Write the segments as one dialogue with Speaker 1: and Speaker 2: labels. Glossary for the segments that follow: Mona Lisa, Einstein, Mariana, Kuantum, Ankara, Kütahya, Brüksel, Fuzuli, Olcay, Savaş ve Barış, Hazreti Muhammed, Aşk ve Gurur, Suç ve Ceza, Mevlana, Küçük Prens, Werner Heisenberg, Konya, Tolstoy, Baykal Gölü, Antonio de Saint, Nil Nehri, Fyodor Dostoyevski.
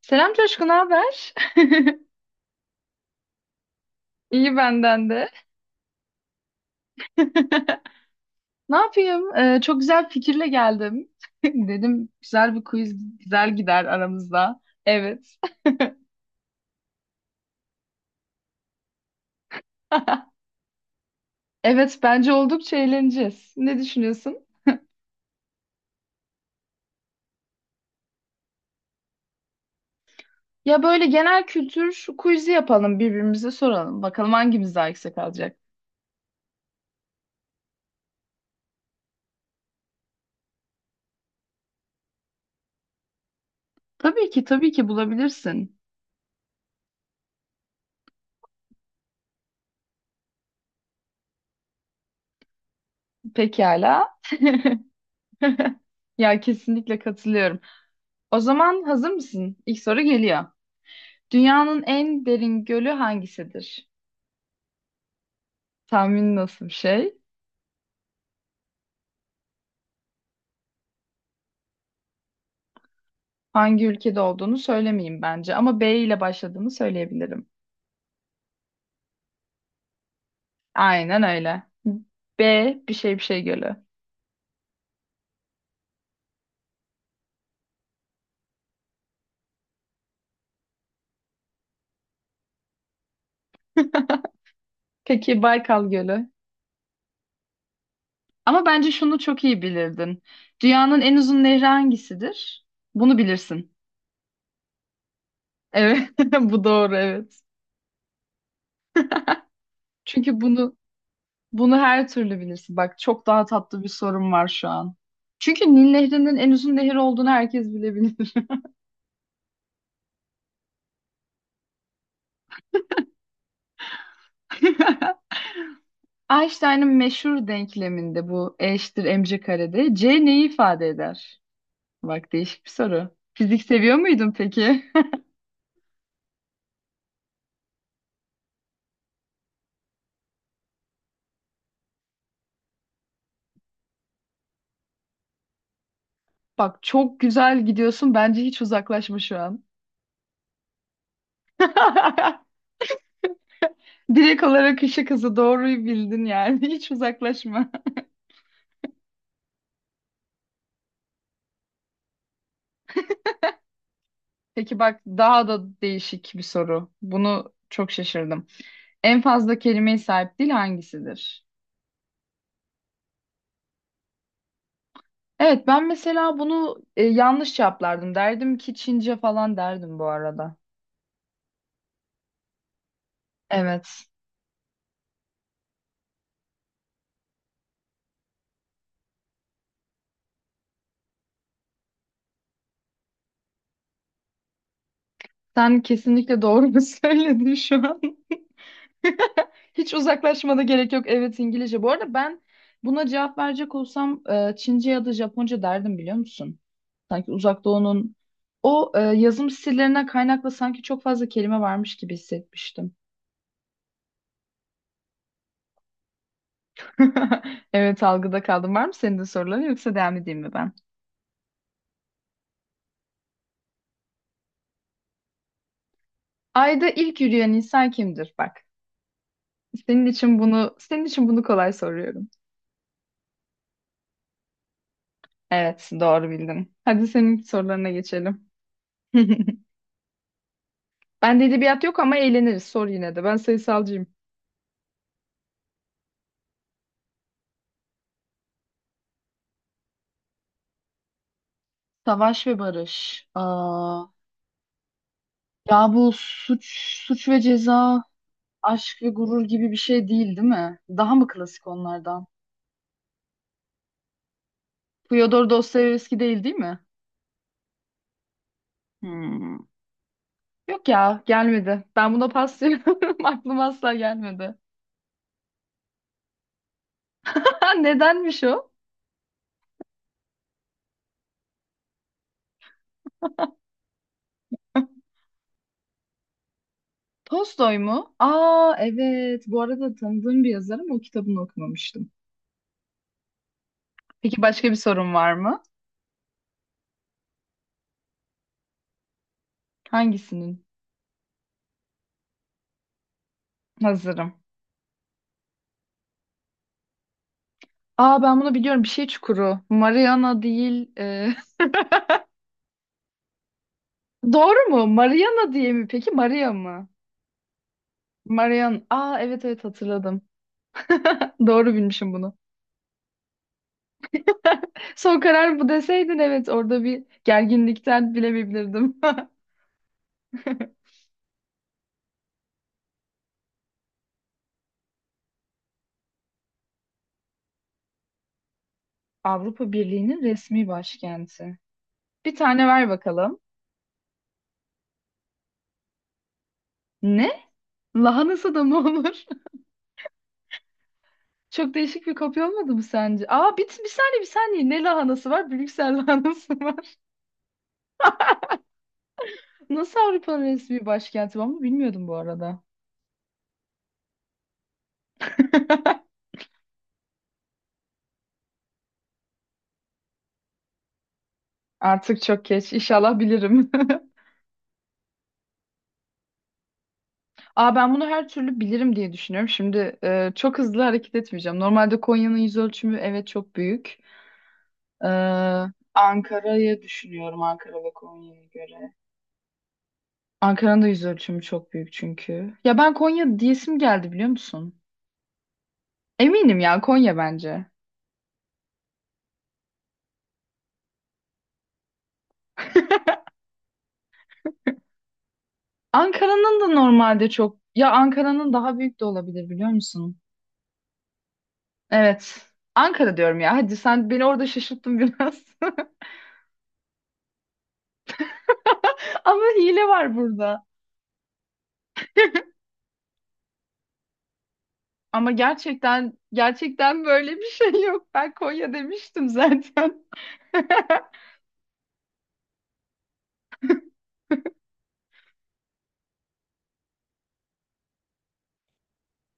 Speaker 1: Selam Coşku, ne haber? İyi benden de. Ne yapayım? Çok güzel bir fikirle geldim. Dedim güzel bir quiz güzel gider aramızda. Evet. Evet, bence oldukça eğleneceğiz. Ne düşünüyorsun? Ya böyle genel kültür quiz'i yapalım, birbirimize soralım. Bakalım hangimiz daha yüksek alacak. Tabii ki, tabii ki bulabilirsin. Pekala. Ya kesinlikle katılıyorum. O zaman hazır mısın? İlk soru geliyor. Dünyanın en derin gölü hangisidir? Tahmin nasıl bir şey? Hangi ülkede olduğunu söylemeyeyim bence ama B ile başladığını söyleyebilirim. Aynen öyle. B bir şey bir şey gölü. Peki Baykal Gölü. Ama bence şunu çok iyi bilirdin. Dünyanın en uzun nehri hangisidir? Bunu bilirsin. Evet, bu doğru evet. Çünkü bunu her türlü bilirsin. Bak çok daha tatlı bir sorum var şu an. Çünkü Nil Nehri'nin en uzun nehir olduğunu herkes bilebilir. Einstein'ın meşhur denkleminde bu E eşittir mc karede C neyi ifade eder? Bak değişik bir soru. Fizik seviyor muydun peki? Bak çok güzel gidiyorsun. Bence hiç uzaklaşma şu an. Direkt olarak ışık hızı doğruyu bildin yani. Hiç uzaklaşma. Peki bak daha da değişik bir soru. Bunu çok şaşırdım. En fazla kelimeye sahip dil hangisidir? Evet ben mesela bunu yanlış cevaplardım. Derdim ki Çince falan derdim bu arada. Evet. Sen kesinlikle doğru söyledin şu an. Hiç uzaklaşmada gerek yok. Evet İngilizce. Bu arada ben buna cevap verecek olsam Çince ya da Japonca derdim biliyor musun? Sanki Uzak Doğu'nun o yazım stillerinden kaynaklı sanki çok fazla kelime varmış gibi hissetmiştim. Evet algıda kaldım. Var mı senin de soruların yoksa devam edeyim mi ben? Ayda ilk yürüyen insan kimdir? Bak. Senin için bunu kolay soruyorum. Evet, doğru bildin. Hadi senin sorularına geçelim. Ben de edebiyat yok ama eğleniriz. Sor yine de. Ben sayısalcıyım. Savaş ve Barış. Aa, ya bu suç ve ceza, aşk ve gurur gibi bir şey değil, değil mi? Daha mı klasik onlardan? Fyodor Dostoyevski değil, değil mi? Hmm. Yok ya, gelmedi. Ben buna paslıyorum. Aklıma asla gelmedi. Nedenmiş o? Tolstoy mu? Aa evet. Bu arada tanıdığım bir yazar ama o kitabını okumamıştım. Peki başka bir sorun var mı? Hangisinin? Hazırım. Aa ben bunu biliyorum. Bir şey çukuru. Mariana değil. Doğru mu? Mariana diye mi peki? Maria mı? Marian. Aa evet evet hatırladım. Doğru bilmişim bunu. Son karar bu deseydin evet orada bir gerginlikten bilemeyebilirdim. Avrupa Birliği'nin resmi başkenti. Bir tane ver bakalım. Ne? Lahanası da mı olur? Çok değişik bir kopya olmadı mı sence? Aa bir saniye bir saniye. Ne lahanası var? Brüksel lahanası var. Nasıl Avrupa'nın resmi başkenti? Ben bunu bilmiyordum bu arada. Artık çok geç. İnşallah bilirim. Aa ben bunu her türlü bilirim diye düşünüyorum. Şimdi çok hızlı hareket etmeyeceğim. Normalde Konya'nın yüz ölçümü evet çok büyük. Ee, Ankara'yı düşünüyorum Ankara ve Konya'ya göre. Ankara'nın da yüz ölçümü çok büyük çünkü. Ya ben Konya diyesim geldi biliyor musun? Eminim ya Konya bence. Ankara'nın da normalde çok ya Ankara'nın daha büyük de olabilir biliyor musun? Evet. Ankara diyorum ya. Hadi sen beni orada şaşırttın biraz. Ama hile var burada. Ama gerçekten böyle bir şey yok. Ben Konya demiştim zaten.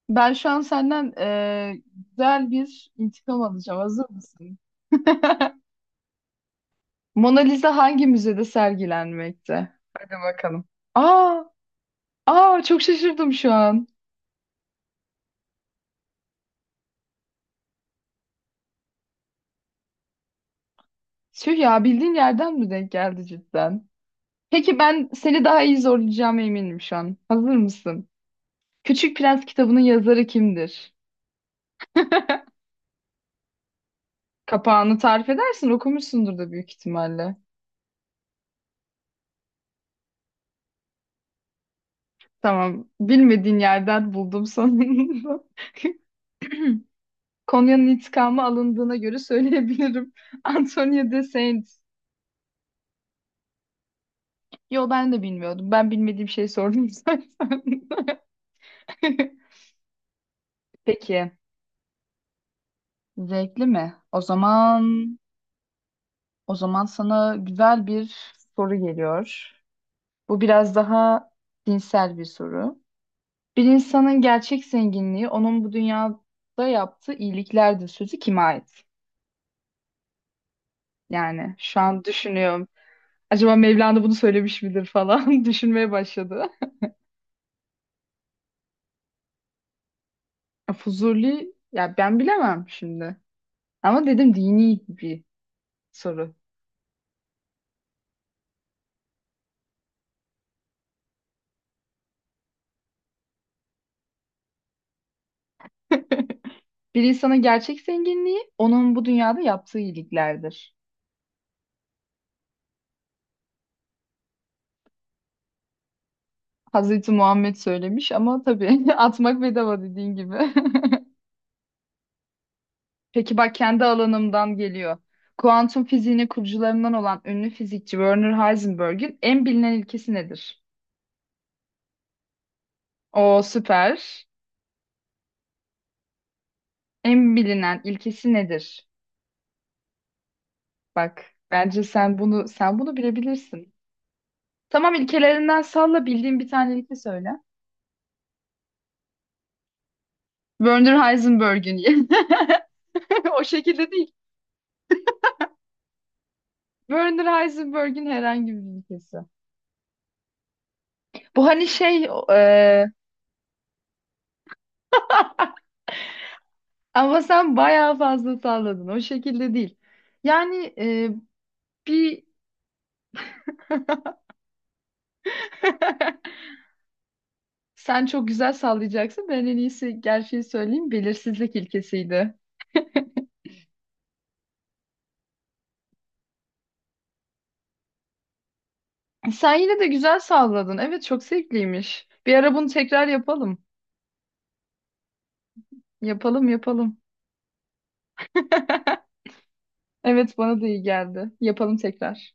Speaker 1: Ben şu an senden güzel bir intikam alacağım. Hazır mısın? Mona Lisa hangi müzede sergilenmekte? Hadi bakalım. Aa, aa çok şaşırdım şu an. Tüh ya bildiğin yerden mi denk geldi cidden? Peki ben seni daha iyi zorlayacağıma eminim şu an. Hazır mısın? Küçük Prens kitabının yazarı kimdir? Kapağını tarif edersin, okumuşsundur da büyük ihtimalle. Tamam. Bilmediğin yerden buldum sonunda. Konya'nın intikamı alındığına göre söyleyebilirim. Antonio de Saint. Yo ben de bilmiyordum. Ben bilmediğim şey sordum zaten. Peki. Zevkli mi? O zaman sana güzel bir soru geliyor. Bu biraz daha dinsel bir soru. Bir insanın gerçek zenginliği onun bu dünyada yaptığı iyiliklerdir sözü kime ait? Yani şu an düşünüyorum. Acaba Mevlana bunu söylemiş midir falan düşünmeye başladı. Fuzuli ya ben bilemem şimdi. Ama dedim dini bir soru. Bir insanın gerçek zenginliği onun bu dünyada yaptığı iyiliklerdir. Hazreti Muhammed söylemiş ama tabii atmak bedava dediğin gibi. Peki bak kendi alanımdan geliyor. Kuantum fiziğinin kurucularından olan ünlü fizikçi Werner Heisenberg'in en bilinen ilkesi nedir? O süper. En bilinen ilkesi nedir? Bak bence sen bunu bilebilirsin. Tamam ilkelerinden salla bildiğin bir tane ilke söyle. Werner Heisenberg'in o şekilde değil. Werner Heisenberg'in herhangi bir ilkesi. Bu hani şey e, ama sen bayağı fazla salladın. O şekilde değil. Yani bir sen çok güzel sallayacaksın. Ben en iyisi gerçeği söyleyeyim. Belirsizlik ilkesiydi. Sen yine de güzel salladın. Evet çok zevkliymiş. Bir ara bunu tekrar yapalım. Yapalım yapalım. Evet bana da iyi geldi. Yapalım tekrar.